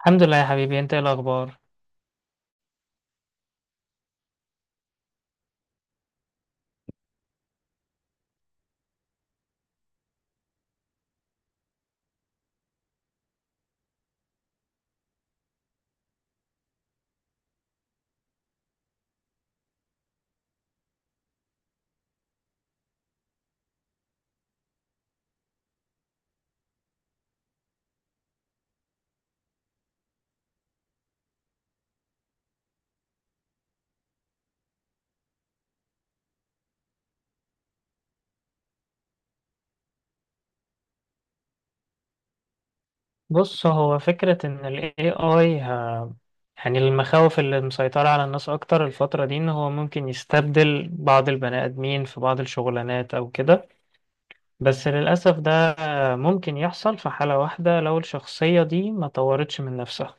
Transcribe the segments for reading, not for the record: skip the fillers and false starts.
الحمد لله يا حبيبي. انت ايه الاخبار؟ بص، هو فكرة ان ال AI، يعني المخاوف اللي مسيطرة على الناس اكتر الفترة دي ان هو ممكن يستبدل بعض البني ادمين في بعض الشغلانات او كده. بس للأسف ده ممكن يحصل في حالة واحدة، لو الشخصية دي ما طورتش من نفسها.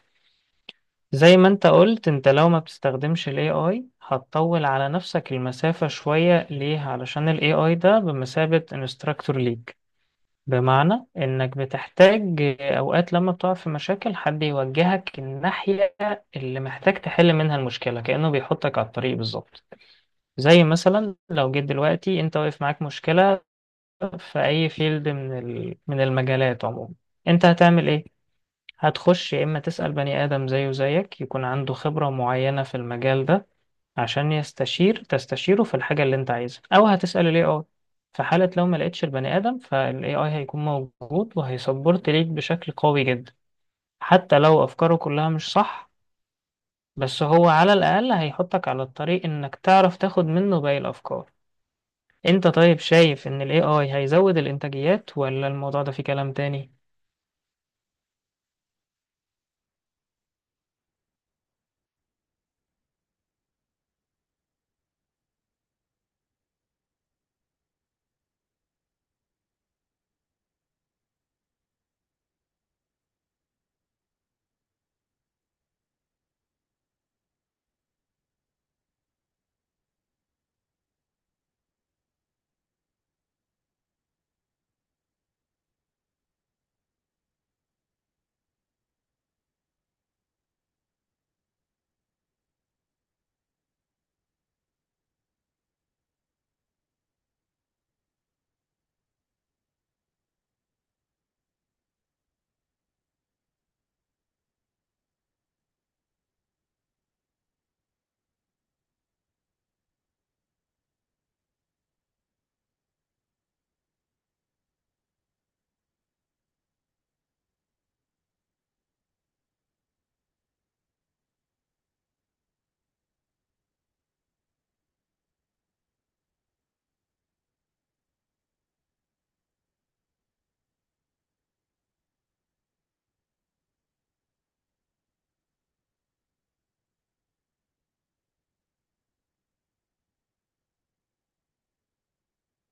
زي ما انت قلت، انت لو ما بتستخدمش ال AI هتطول على نفسك المسافة شوية. ليه؟ علشان ال AI ده بمثابة انستراكتور ليك. بمعنى انك بتحتاج اوقات لما بتقع في مشاكل حد يوجهك الناحية اللي محتاج تحل منها المشكلة، كأنه بيحطك على الطريق بالظبط. زي مثلا لو جيت دلوقتي انت واقف معاك مشكلة في اي فيلد من من المجالات عموما، انت هتعمل ايه؟ هتخش يا اما تسأل بني ادم زيه زيك يكون عنده خبرة معينة في المجال ده عشان تستشيره في الحاجة اللي انت عايزها، او هتسأل الاي اي. في حالة لو ما لقيتش البني ادم، فالاي اي هيكون موجود وهيسبورت ليك بشكل قوي جدا. حتى لو افكاره كلها مش صح، بس هو على الاقل هيحطك على الطريق انك تعرف تاخد منه باقي الافكار. انت طيب شايف ان الاي اي هيزود الانتاجيات، ولا الموضوع ده فيه كلام تاني؟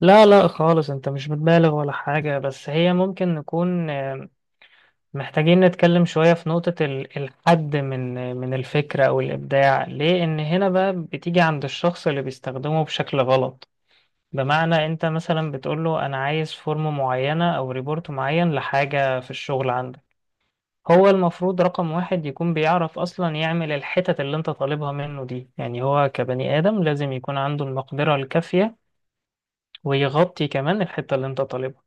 لا لا خالص، انت مش بتبالغ ولا حاجة. بس هي ممكن نكون محتاجين نتكلم شوية في نقطة الحد من الفكرة أو الإبداع. ليه؟ إن هنا بقى بتيجي عند الشخص اللي بيستخدمه بشكل غلط. بمعنى أنت مثلا بتقوله أنا عايز فورم معينة أو ريبورت معين لحاجة في الشغل عندك. هو المفروض رقم واحد يكون بيعرف أصلا يعمل الحتت اللي أنت طالبها منه دي. يعني هو كبني آدم لازم يكون عنده المقدرة الكافية، ويغطي كمان الحتة اللي أنت طالبها.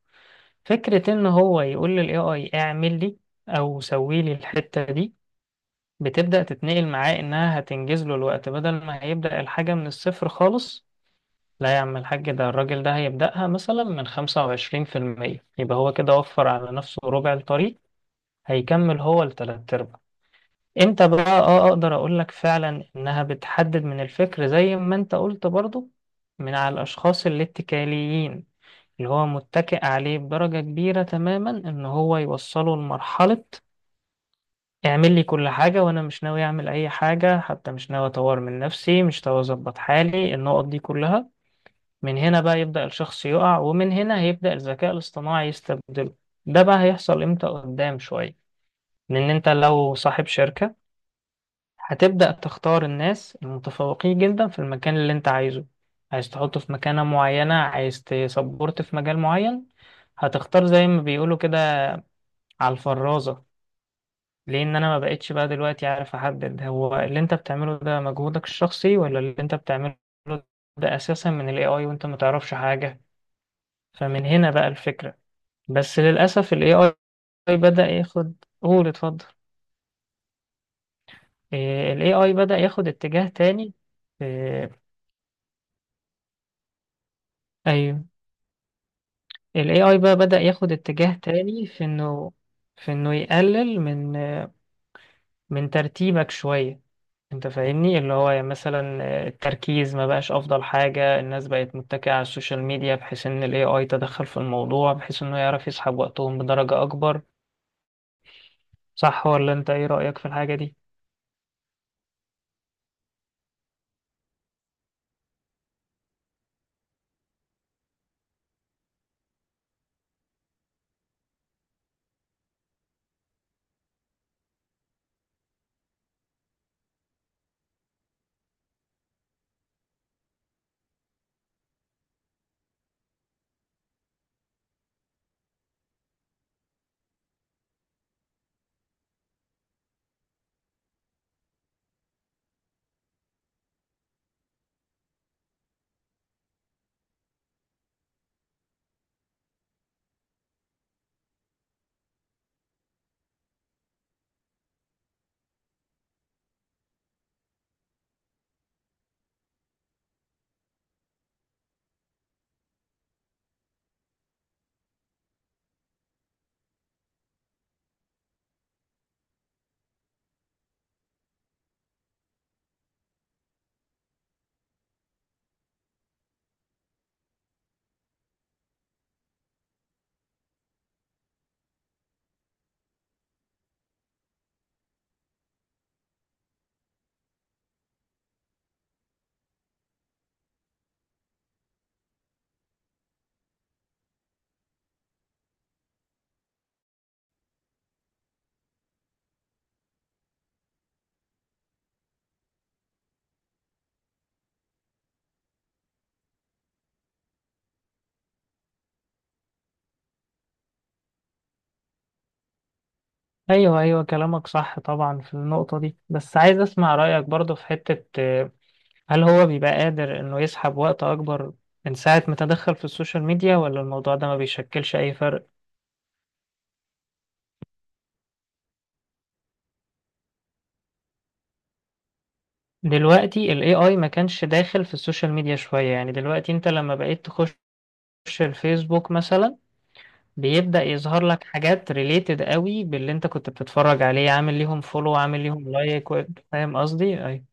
فكرة إن هو يقول لل AI اعمل لي أو سوي لي الحتة دي، بتبدأ تتنقل معاه إنها هتنجز له الوقت بدل ما هيبدأ الحاجة من الصفر خالص. لا يا عم الحاج، ده الراجل ده هيبدأها مثلا من خمسة وعشرين في المية، يبقى هو كده وفر على نفسه ربع الطريق، هيكمل هو لتلات أرباع. امتى بقى اه اقدر اقولك فعلا انها بتحدد من الفكر زي ما انت قلت برضو؟ من على الاشخاص الاتكاليين، اللي هو متكئ عليه بدرجة كبيرة تماما، ان هو يوصله لمرحلة اعمل لي كل حاجة وانا مش ناوي اعمل اي حاجة، حتى مش ناوي اطور من نفسي، مش ناوي اظبط حالي، النقط دي كلها من هنا بقى يبدأ الشخص يقع. ومن هنا هيبدأ الذكاء الاصطناعي يستبدله. ده بقى هيحصل امتى؟ قدام شوية. لان انت لو صاحب شركة، هتبدأ تختار الناس المتفوقين جدا في المكان اللي انت عايزه، عايز تحطه في مكانة معينة، عايز تسبورت في مجال معين. هتختار زي ما بيقولوا كده على الفرازة. لان انا ما بقتش بقى دلوقتي عارف احدد هو اللي انت بتعمله ده مجهودك الشخصي، ولا اللي انت بتعمله ده اساسا من الاي اي وانت ما تعرفش حاجة. فمن هنا بقى الفكرة. بس للاسف الاي اي بدأ ياخد، قول اتفضل. الاي اي بدأ ياخد اتجاه تاني في... ايوه. الاي اي بقى بدأ ياخد اتجاه تاني في انه، يقلل من ترتيبك شوية. انت فاهمني، اللي هو يعني مثلا التركيز ما بقاش افضل حاجة، الناس بقت متكئة على السوشيال ميديا، بحيث ان الاي اي تدخل في الموضوع بحيث انه يعرف يسحب وقتهم بدرجة اكبر. صح ولا انت ايه رأيك في الحاجة دي؟ ايوه ايوه كلامك صح طبعا في النقطة دي. بس عايز اسمع رأيك برضه في حتة، هل هو بيبقى قادر انه يسحب وقت اكبر من ساعة ما تدخل في السوشيال ميديا، ولا الموضوع ده ما بيشكلش أي فرق؟ دلوقتي ال AI ما كانش داخل في السوشيال ميديا شوية. يعني دلوقتي أنت لما بقيت تخش، بتخش الفيسبوك مثلا، بيبدأ يظهر لك حاجات ريليتد قوي باللي انت كنت بتتفرج عليه، عامل ليهم فولو، عامل ليهم لايك فاهم قصدي؟ ايوه.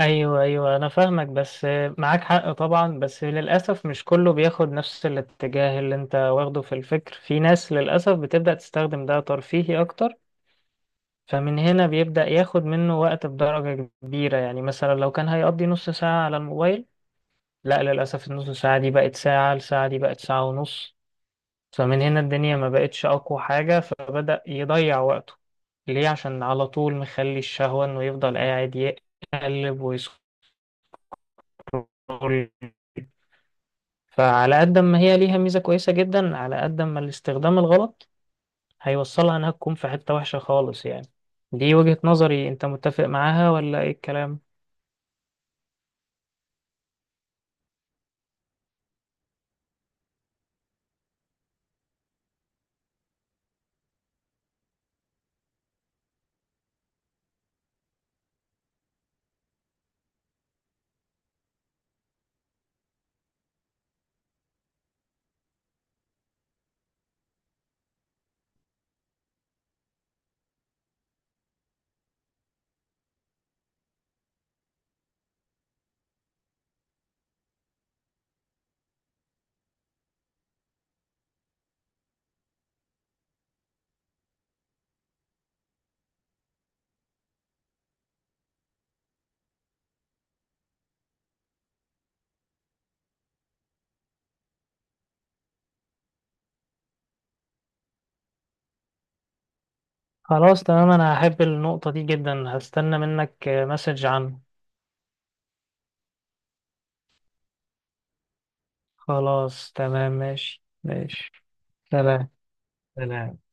ايوه ايوه انا فاهمك. بس معاك حق طبعا، بس للاسف مش كله بياخد نفس الاتجاه اللي انت واخده في الفكر. في ناس للاسف بتبدأ تستخدم ده ترفيهي اكتر، فمن هنا بيبدأ ياخد منه وقت بدرجة كبيرة. يعني مثلا لو كان هيقضي نص ساعة على الموبايل، لا للأسف النص ساعة دي بقت ساعة، الساعة دي بقت ساعة ونص. فمن هنا الدنيا ما بقتش أقوى حاجة، فبدأ يضيع وقته. ليه؟ عشان على طول مخلي الشهوة إنه يفضل قاعد يقلب ويسكرول. فعلى قد ما هي ليها ميزة كويسة جدا، على قد ما الاستخدام الغلط هيوصلها إنها تكون في حتة وحشة خالص يعني. دي وجهة نظري، أنت متفق معاها ولا إيه الكلام؟ خلاص تمام، أنا هحب النقطة دي جدا، هستنى منك مسج عنه. خلاص تمام، ماشي ماشي. سلام سلام.